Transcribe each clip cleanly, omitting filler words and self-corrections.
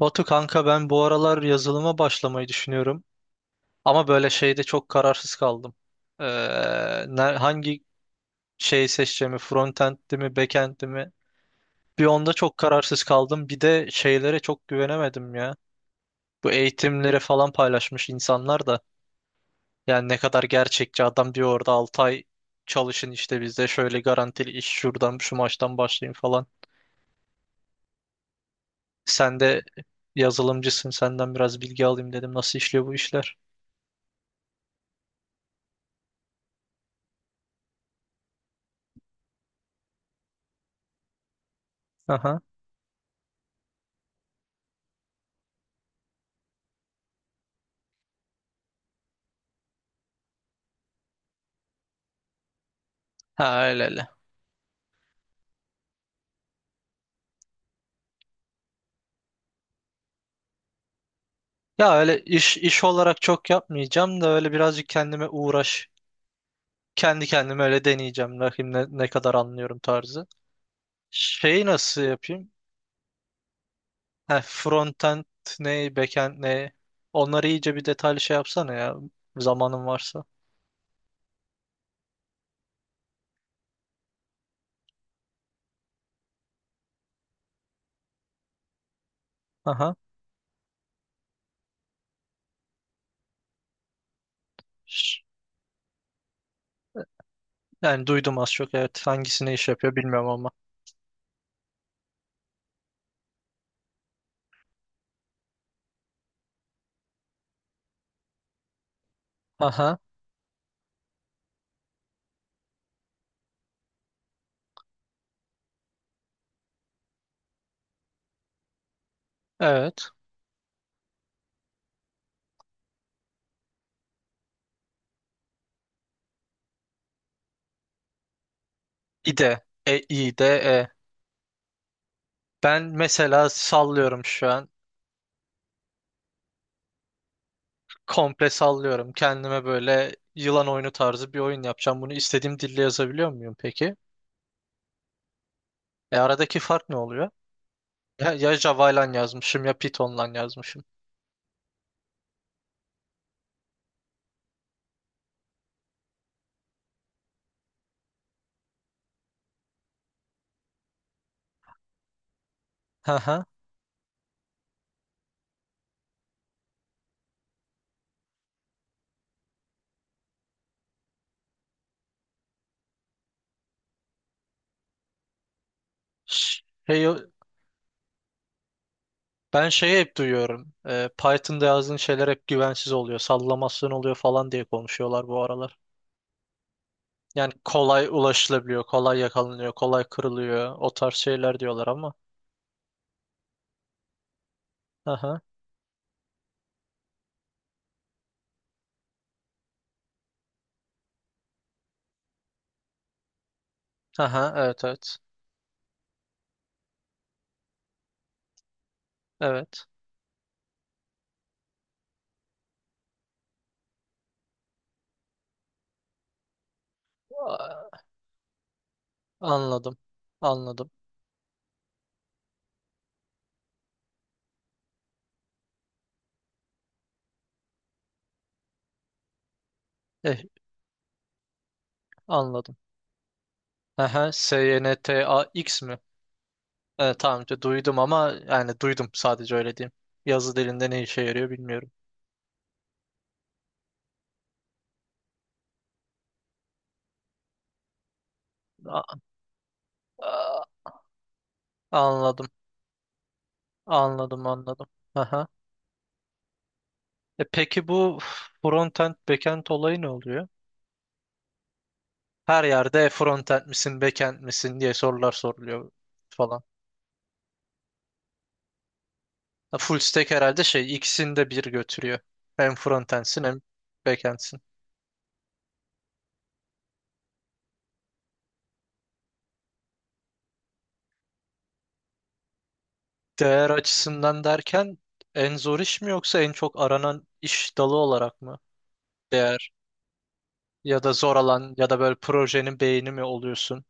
Batu kanka ben bu aralar yazılıma başlamayı düşünüyorum. Ama böyle şeyde çok kararsız kaldım. Ee, Hangi şeyi seçeceğimi, frontend'di mi, backend'di mi? Bir onda çok kararsız kaldım. Bir de şeylere çok güvenemedim ya. Bu eğitimleri falan paylaşmış insanlar da. Yani ne kadar gerçekçi adam diyor orada 6 ay çalışın işte bizde şöyle garantili iş şuradan şu maçtan başlayın falan. Sen de yazılımcısın, senden biraz bilgi alayım dedim. Nasıl işliyor bu işler? Aha. Ha, öyle öyle. Ya öyle iş olarak çok yapmayacağım da öyle birazcık kendime uğraş. Kendi kendime öyle deneyeceğim. Bakayım ne kadar anlıyorum tarzı. Şeyi nasıl yapayım? Heh, frontend ne, backend ne? Onları iyice bir detaylı şey yapsana ya. Zamanın varsa. Aha. Ş- Yani duydum az çok, evet. Hangisine iş yapıyor bilmiyorum ama. Aha. Evet. İde. E, İde, E. Ben mesela sallıyorum şu an, komple sallıyorum. Kendime böyle yılan oyunu tarzı bir oyun yapacağım. Bunu istediğim dille yazabiliyor muyum peki? E, aradaki fark ne oluyor? Ya Java'yla yazmışım ya Python'la yazmışım. Hı hı. Şey, Ben şeyi hep duyuyorum. Python'da yazdığın şeyler hep güvensiz oluyor. Sallamasyon oluyor falan diye konuşuyorlar bu aralar. Yani kolay ulaşılabiliyor, kolay yakalanıyor, kolay kırılıyor. O tarz şeyler diyorlar ama. Hı hı. Hı hı. Evet, evet. Evet. A- Anladım. Anladım. Eh, anladım. Aha, SYNTAX mi? Tamam, işte duydum ama yani duydum sadece, öyle diyeyim. Yazı dilinde ne işe yarıyor bilmiyorum. A- a- anladım. Anladım, anladım. Aha. Peki bu frontend backend olayı ne oluyor? Her yerde frontend misin backend misin diye sorular soruluyor falan. Ha, full stack herhalde şey ikisini de bir götürüyor. Hem frontendsin hem backendsin. Değer açısından derken en zor iş mi, yoksa en çok aranan iş dalı olarak mı? Değer. Ya da zor alan, ya da böyle projenin beyni mi oluyorsun?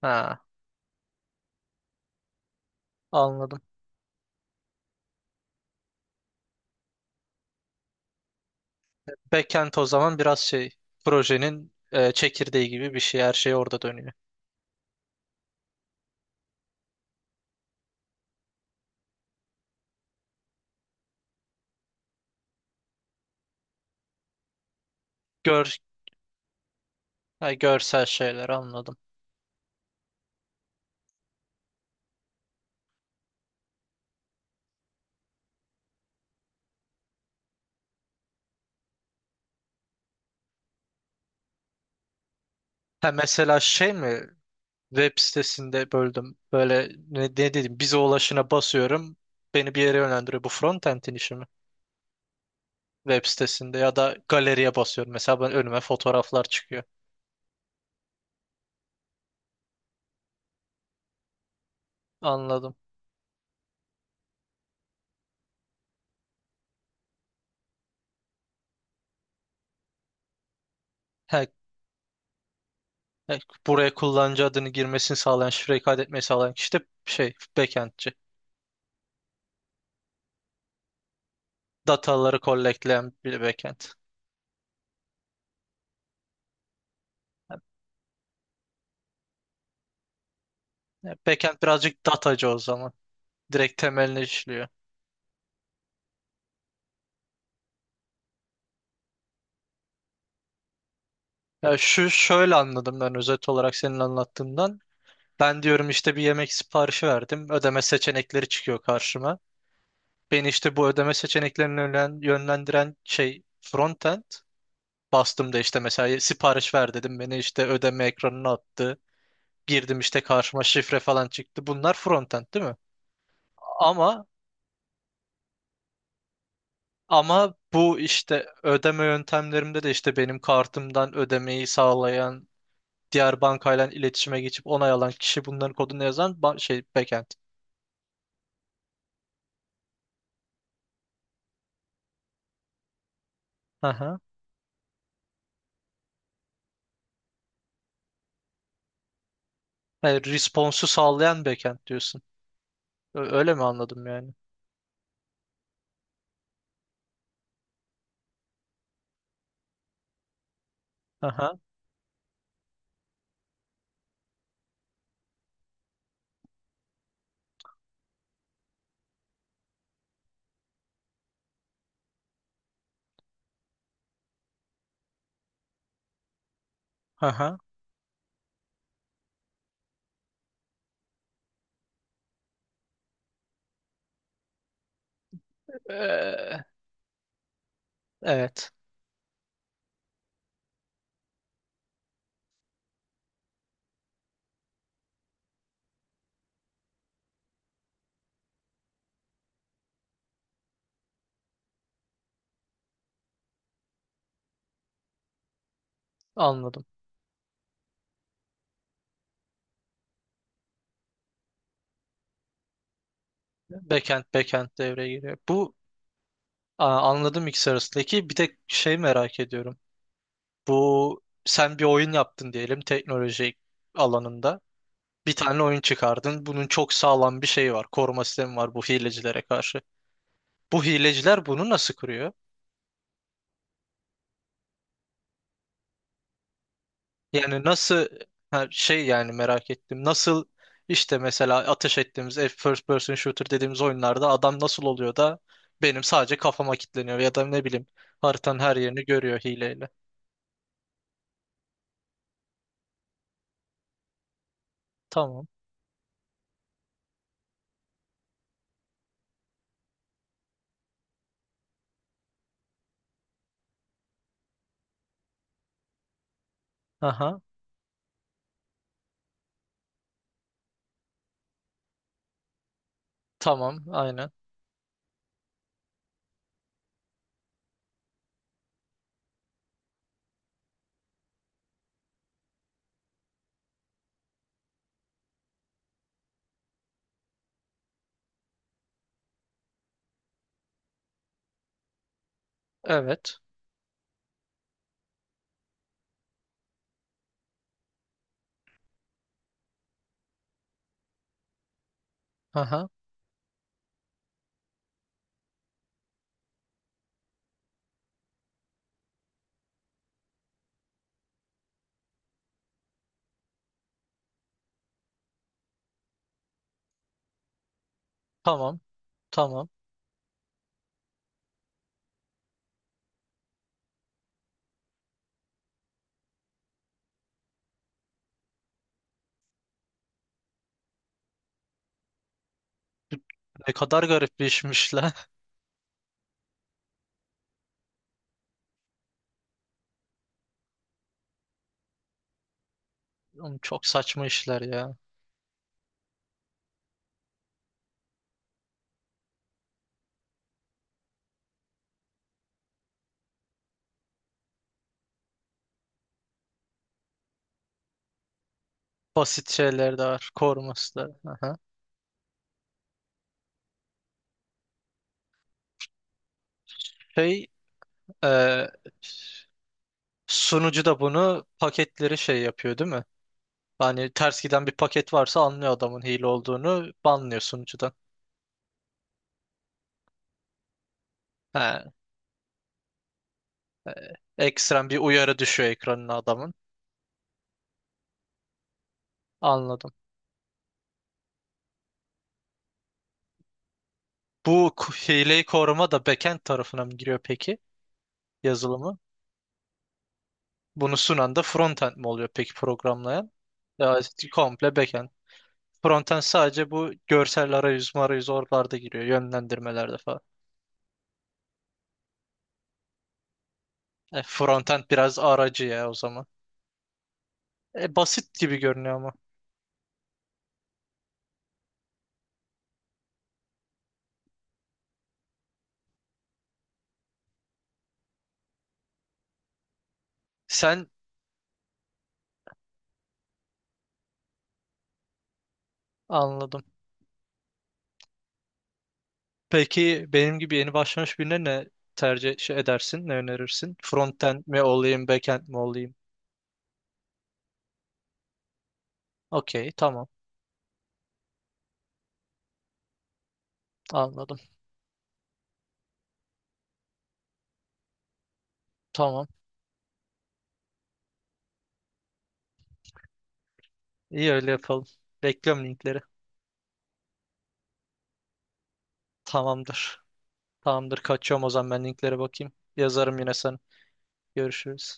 Ha, anladım. Backend o zaman biraz şey, projenin çekirdeği gibi bir şey. Her şey orada dönüyor. Gör, ha, görsel şeyler, anladım. Ha, mesela şey mi, web sitesinde böldüm. Böyle ne dedim, bize ulaşına basıyorum. Beni bir yere yönlendiriyor. Bu frontend'in işi mi? Web sitesinde ya da galeriye basıyorum. Mesela ben, önüme fotoğraflar çıkıyor. Anladım. Ha, yani buraya kullanıcı adını girmesini sağlayan, şifreyi kaydetmeyi sağlayan kişi de şey backendçi. Dataları collectleyen bir backend. Yani backend birazcık datacı o zaman. Direkt temeline işliyor. Ya şu, şöyle anladım ben özet olarak senin anlattığından. Ben diyorum işte bir yemek siparişi verdim. Ödeme seçenekleri çıkıyor karşıma. Beni işte bu ödeme seçeneklerini yönlendiren şey frontend. Bastım da işte mesela sipariş ver dedim. Beni işte ödeme ekranına attı. Girdim, işte karşıma şifre falan çıktı. Bunlar frontend değil mi? Ama ama bu işte ödeme yöntemlerimde de işte benim kartımdan ödemeyi sağlayan, diğer bankayla iletişime geçip onay alan kişi, bunların kodunu yazan şey backend. Aha. Yani response'u sağlayan backend diyorsun. Öyle mi anladım yani? Aha. Aha. Ee, evet. Anladım. Backend devreye giriyor. Aa, anladım ikisi arasındaki. Bir de şey merak ediyorum. Bu, sen bir oyun yaptın diyelim, teknoloji alanında. Bir tane oyun çıkardın. Bunun çok sağlam bir şeyi var. Koruma sistemi var bu hilecilere karşı. Bu hileciler bunu nasıl kırıyor? Yani nasıl, ha, şey, yani merak ettim. Nasıl işte mesela ateş ettiğimiz first person shooter dediğimiz oyunlarda adam nasıl oluyor da benim sadece kafama kilitleniyor, ya da ne bileyim, haritanın her yerini görüyor hileyle. Tamam. Aha. Tamam. Aynen. Evet. Aha. Tamam. Tamam. Ne kadar garip bir işmiş lan. Oğlum, çok saçma işler ya. Basit şeyler de var. Koruması da. Aha. Şey, e, sunucu da bunu, paketleri şey yapıyor değil mi? Hani ters giden bir paket varsa anlıyor adamın hile olduğunu, banlıyor sunucudan. He, ekstrem bir uyarı düşüyor ekranına adamın. Anladım. Bu hileyi koruma da backend tarafına mı giriyor peki yazılımı? Bunu sunan da frontend mi oluyor peki programlayan? Ya, komple backend. Frontend sadece bu görsel arayüz marayüz, oralarda giriyor. Yönlendirmelerde falan. E, frontend biraz aracı ya o zaman. E, basit gibi görünüyor ama. Sen anladım. Peki benim gibi yeni başlamış birine ne tercih şey edersin? Ne önerirsin? Frontend mi olayım, backend mi olayım? Okey, tamam. Anladım. Tamam. İyi, öyle yapalım. Bekliyorum linkleri. Tamamdır. Tamamdır. Kaçıyorum o zaman, ben linklere bakayım. Yazarım yine sana. Görüşürüz.